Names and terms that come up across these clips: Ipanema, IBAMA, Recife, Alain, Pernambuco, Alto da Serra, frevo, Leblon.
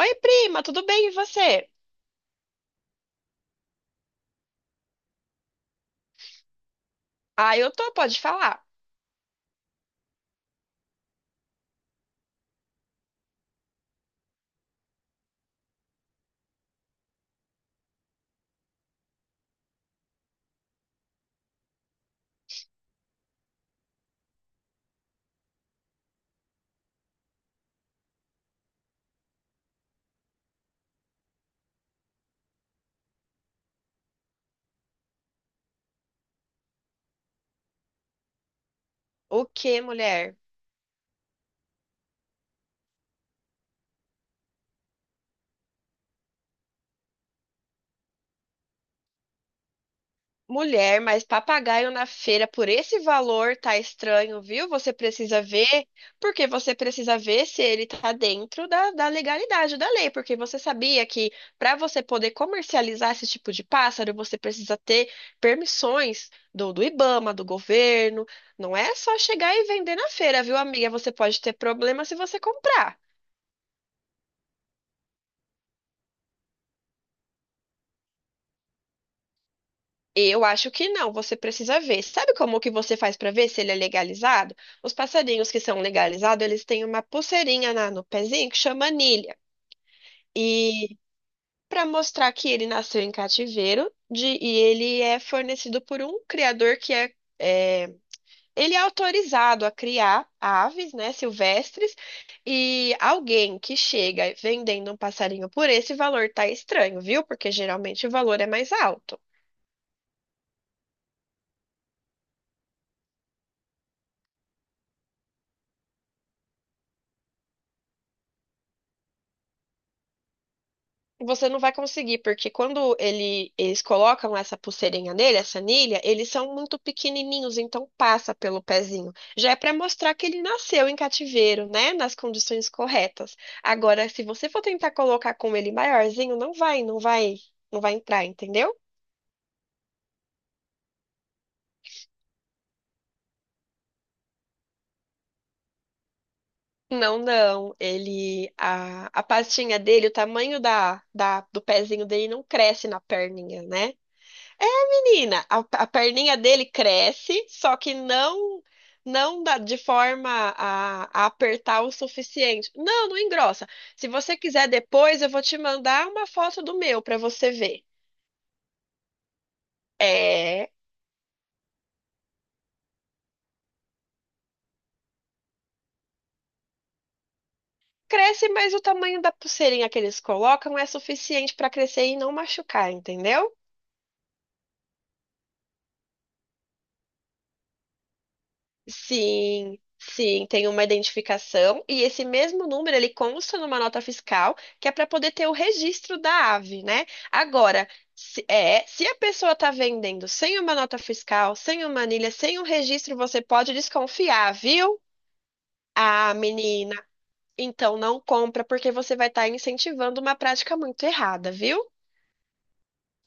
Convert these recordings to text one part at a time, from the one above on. Oi, prima, tudo bem e você? Ah, eu tô, pode falar. O que, mulher? Mulher, mas papagaio na feira por esse valor tá estranho, viu? Você precisa ver, porque você precisa ver se ele tá dentro da legalidade da lei, porque você sabia que para você poder comercializar esse tipo de pássaro, você precisa ter permissões do IBAMA, do governo. Não é só chegar e vender na feira, viu, amiga? Você pode ter problema se você comprar. Eu acho que não, você precisa ver. Sabe como que você faz para ver se ele é legalizado? Os passarinhos que são legalizados, eles têm uma pulseirinha no pezinho que chama anilha. E para mostrar que ele nasceu em cativeiro e ele é fornecido por um criador que é ele é autorizado a criar aves, né, silvestres, e alguém que chega vendendo um passarinho por esse valor tá estranho, viu? Porque geralmente o valor é mais alto. Você não vai conseguir, porque eles colocam essa pulseirinha nele, essa anilha, eles são muito pequenininhos, então passa pelo pezinho. Já é para mostrar que ele nasceu em cativeiro, né? Nas condições corretas. Agora, se você for tentar colocar com ele maiorzinho, não vai entrar, entendeu? Não, não. A pastinha dele, o tamanho do pezinho dele não cresce na perninha, né? É, Menina, a perninha dele cresce, só que não dá de forma a apertar o suficiente. Não, não engrossa. Se você quiser depois, eu vou te mandar uma foto do meu para você ver. É, cresce, mas o tamanho da pulseirinha que eles colocam é suficiente para crescer e não machucar, entendeu? Sim, sim, tem uma identificação e esse mesmo número ele consta numa nota fiscal que é para poder ter o registro da ave, né? Agora, se a pessoa está vendendo sem uma nota fiscal, sem uma anilha, sem um registro, você pode desconfiar, viu? Ah, menina, então não compra porque você vai estar incentivando uma prática muito errada, viu?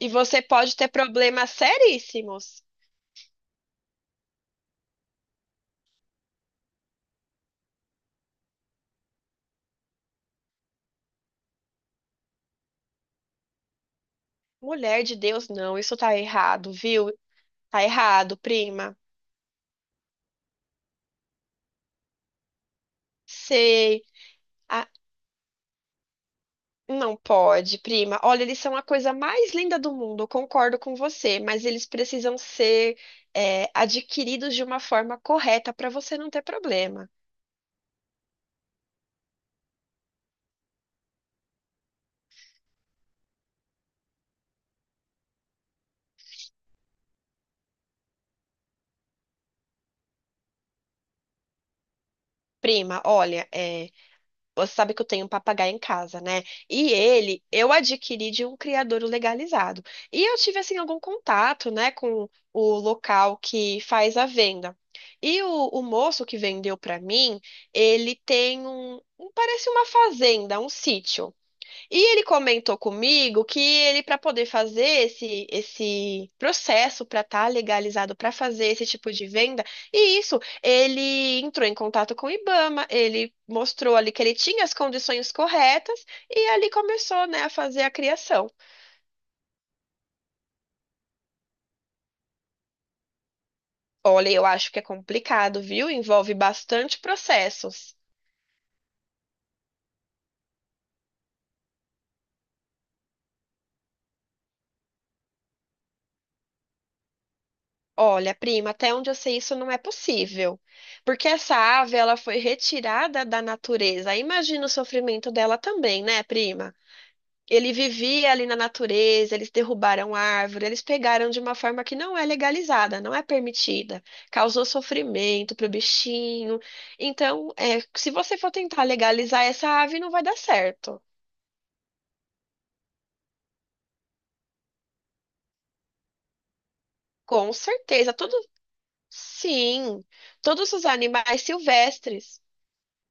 E você pode ter problemas seríssimos. Mulher de Deus, não, isso tá errado, viu? Tá errado, prima. Sei. Ah, não pode, prima. Olha, eles são a coisa mais linda do mundo, eu concordo com você, mas eles precisam ser adquiridos de uma forma correta para você não ter problema. Prima, olha, você sabe que eu tenho um papagaio em casa, né? E ele, eu adquiri de um criador legalizado. E eu tive, assim, algum contato, né, com o local que faz a venda. E o moço que vendeu para mim, ele tem parece uma fazenda, um sítio. E ele comentou comigo que ele, para poder fazer esse processo para estar legalizado para fazer esse tipo de venda, e isso, ele entrou em contato com o IBAMA, ele mostrou ali que ele tinha as condições corretas e ali começou, né, a fazer a criação. Olha, eu acho que é complicado, viu? Envolve bastante processos. Olha, prima, até onde eu sei isso não é possível, porque essa ave ela foi retirada da natureza. Imagina o sofrimento dela também, né, prima? Ele vivia ali na natureza, eles derrubaram árvore, eles pegaram de uma forma que não é legalizada, não é permitida. Causou sofrimento para o bichinho. Então, se você for tentar legalizar essa ave, não vai dar certo. Com certeza. Todo, sim, todos os animais silvestres.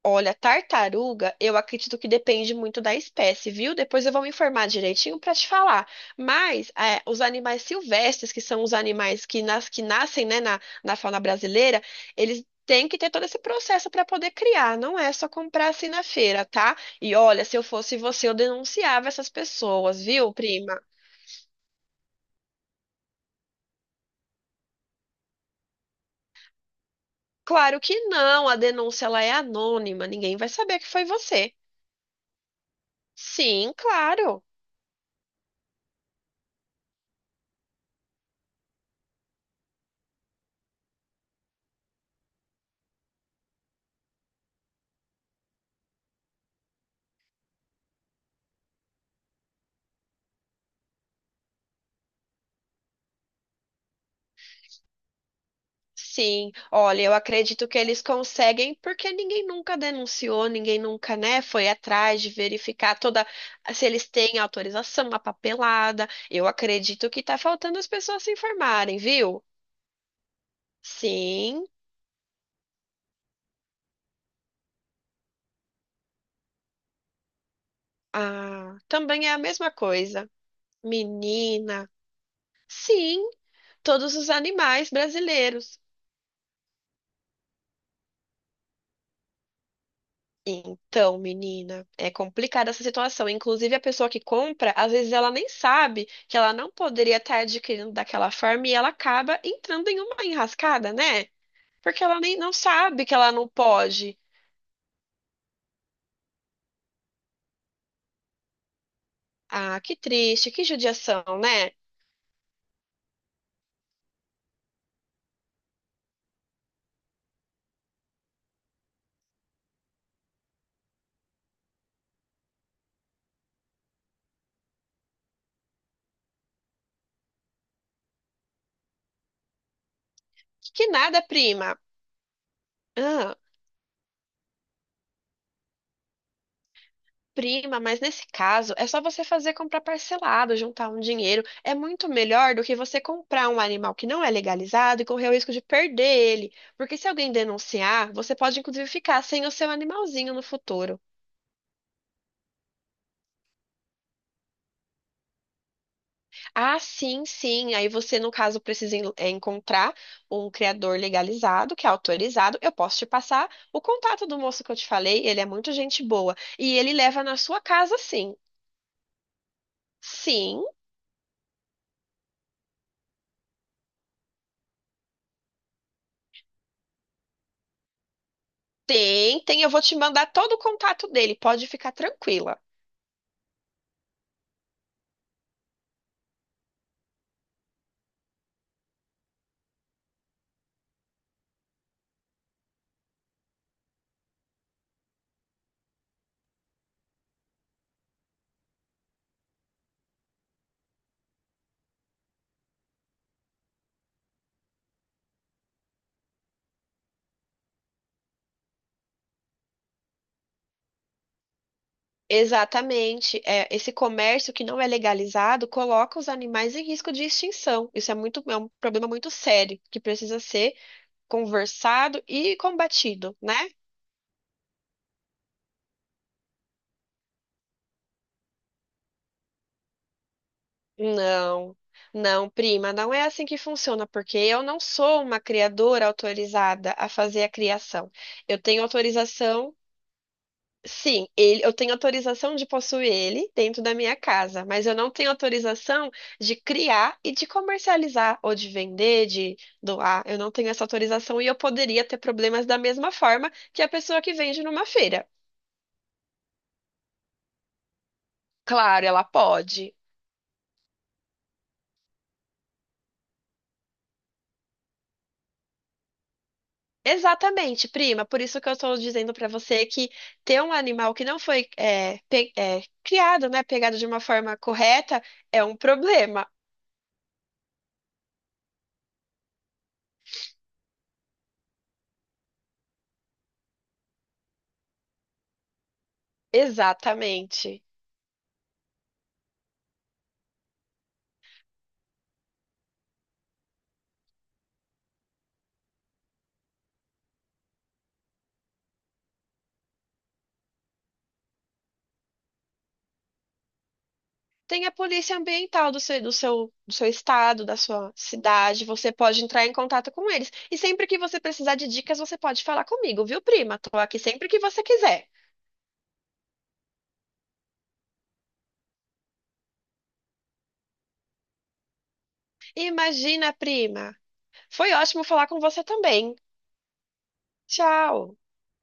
Olha, tartaruga, eu acredito que depende muito da espécie, viu? Depois eu vou me informar direitinho para te falar. Mas é, os animais silvestres, que são os animais que nascem, né, na fauna brasileira, eles têm que ter todo esse processo para poder criar. Não é só comprar assim na feira, tá? E olha, se eu fosse você, eu denunciava essas pessoas, viu, prima? Claro que não, a denúncia ela é anônima, ninguém vai saber que foi você. Sim, claro. Sim, olha, eu acredito que eles conseguem, porque ninguém nunca denunciou, ninguém nunca, né, foi atrás de verificar toda se eles têm autorização, a papelada. Eu acredito que tá faltando as pessoas se informarem, viu? Sim, ah, também é a mesma coisa. Menina, sim, todos os animais brasileiros. Então, menina, é complicada essa situação. Inclusive, a pessoa que compra, às vezes ela nem sabe que ela não poderia estar adquirindo daquela forma e ela acaba entrando em uma enrascada, né? Porque ela nem não sabe que ela não pode. Ah, que triste, que judiação, né? Que nada, prima. Ah, prima, mas nesse caso é só você fazer comprar parcelado, juntar um dinheiro. É muito melhor do que você comprar um animal que não é legalizado e correr o risco de perder ele. Porque se alguém denunciar, você pode inclusive ficar sem o seu animalzinho no futuro. Ah, sim, sim. Aí você, no caso, precisa encontrar um criador legalizado, que é autorizado. Eu posso te passar o contato do moço que eu te falei. Ele é muito gente boa. E ele leva na sua casa, sim. Sim. Tem, tem, eu vou te mandar todo o contato dele, pode ficar tranquila. Exatamente, esse comércio que não é legalizado coloca os animais em risco de extinção. Isso é muito, é um problema muito sério que precisa ser conversado e combatido, né? Não, não, prima, não é assim que funciona, porque eu não sou uma criadora autorizada a fazer a criação. Eu tenho autorização. Sim, ele, eu tenho autorização de possuir ele dentro da minha casa, mas eu não tenho autorização de criar e de comercializar, ou de vender, de doar. Eu não tenho essa autorização e eu poderia ter problemas da mesma forma que a pessoa que vende numa feira. Claro, ela pode. Exatamente, prima. Por isso que eu estou dizendo para você que ter um animal que não foi criado, né, pegado de uma forma correta, é um problema. Exatamente. Tem a polícia ambiental do seu estado, da sua cidade. Você pode entrar em contato com eles. E sempre que você precisar de dicas, você pode falar comigo, viu, prima? Tô aqui sempre que você quiser. Imagina, prima. Foi ótimo falar com você também. Tchau.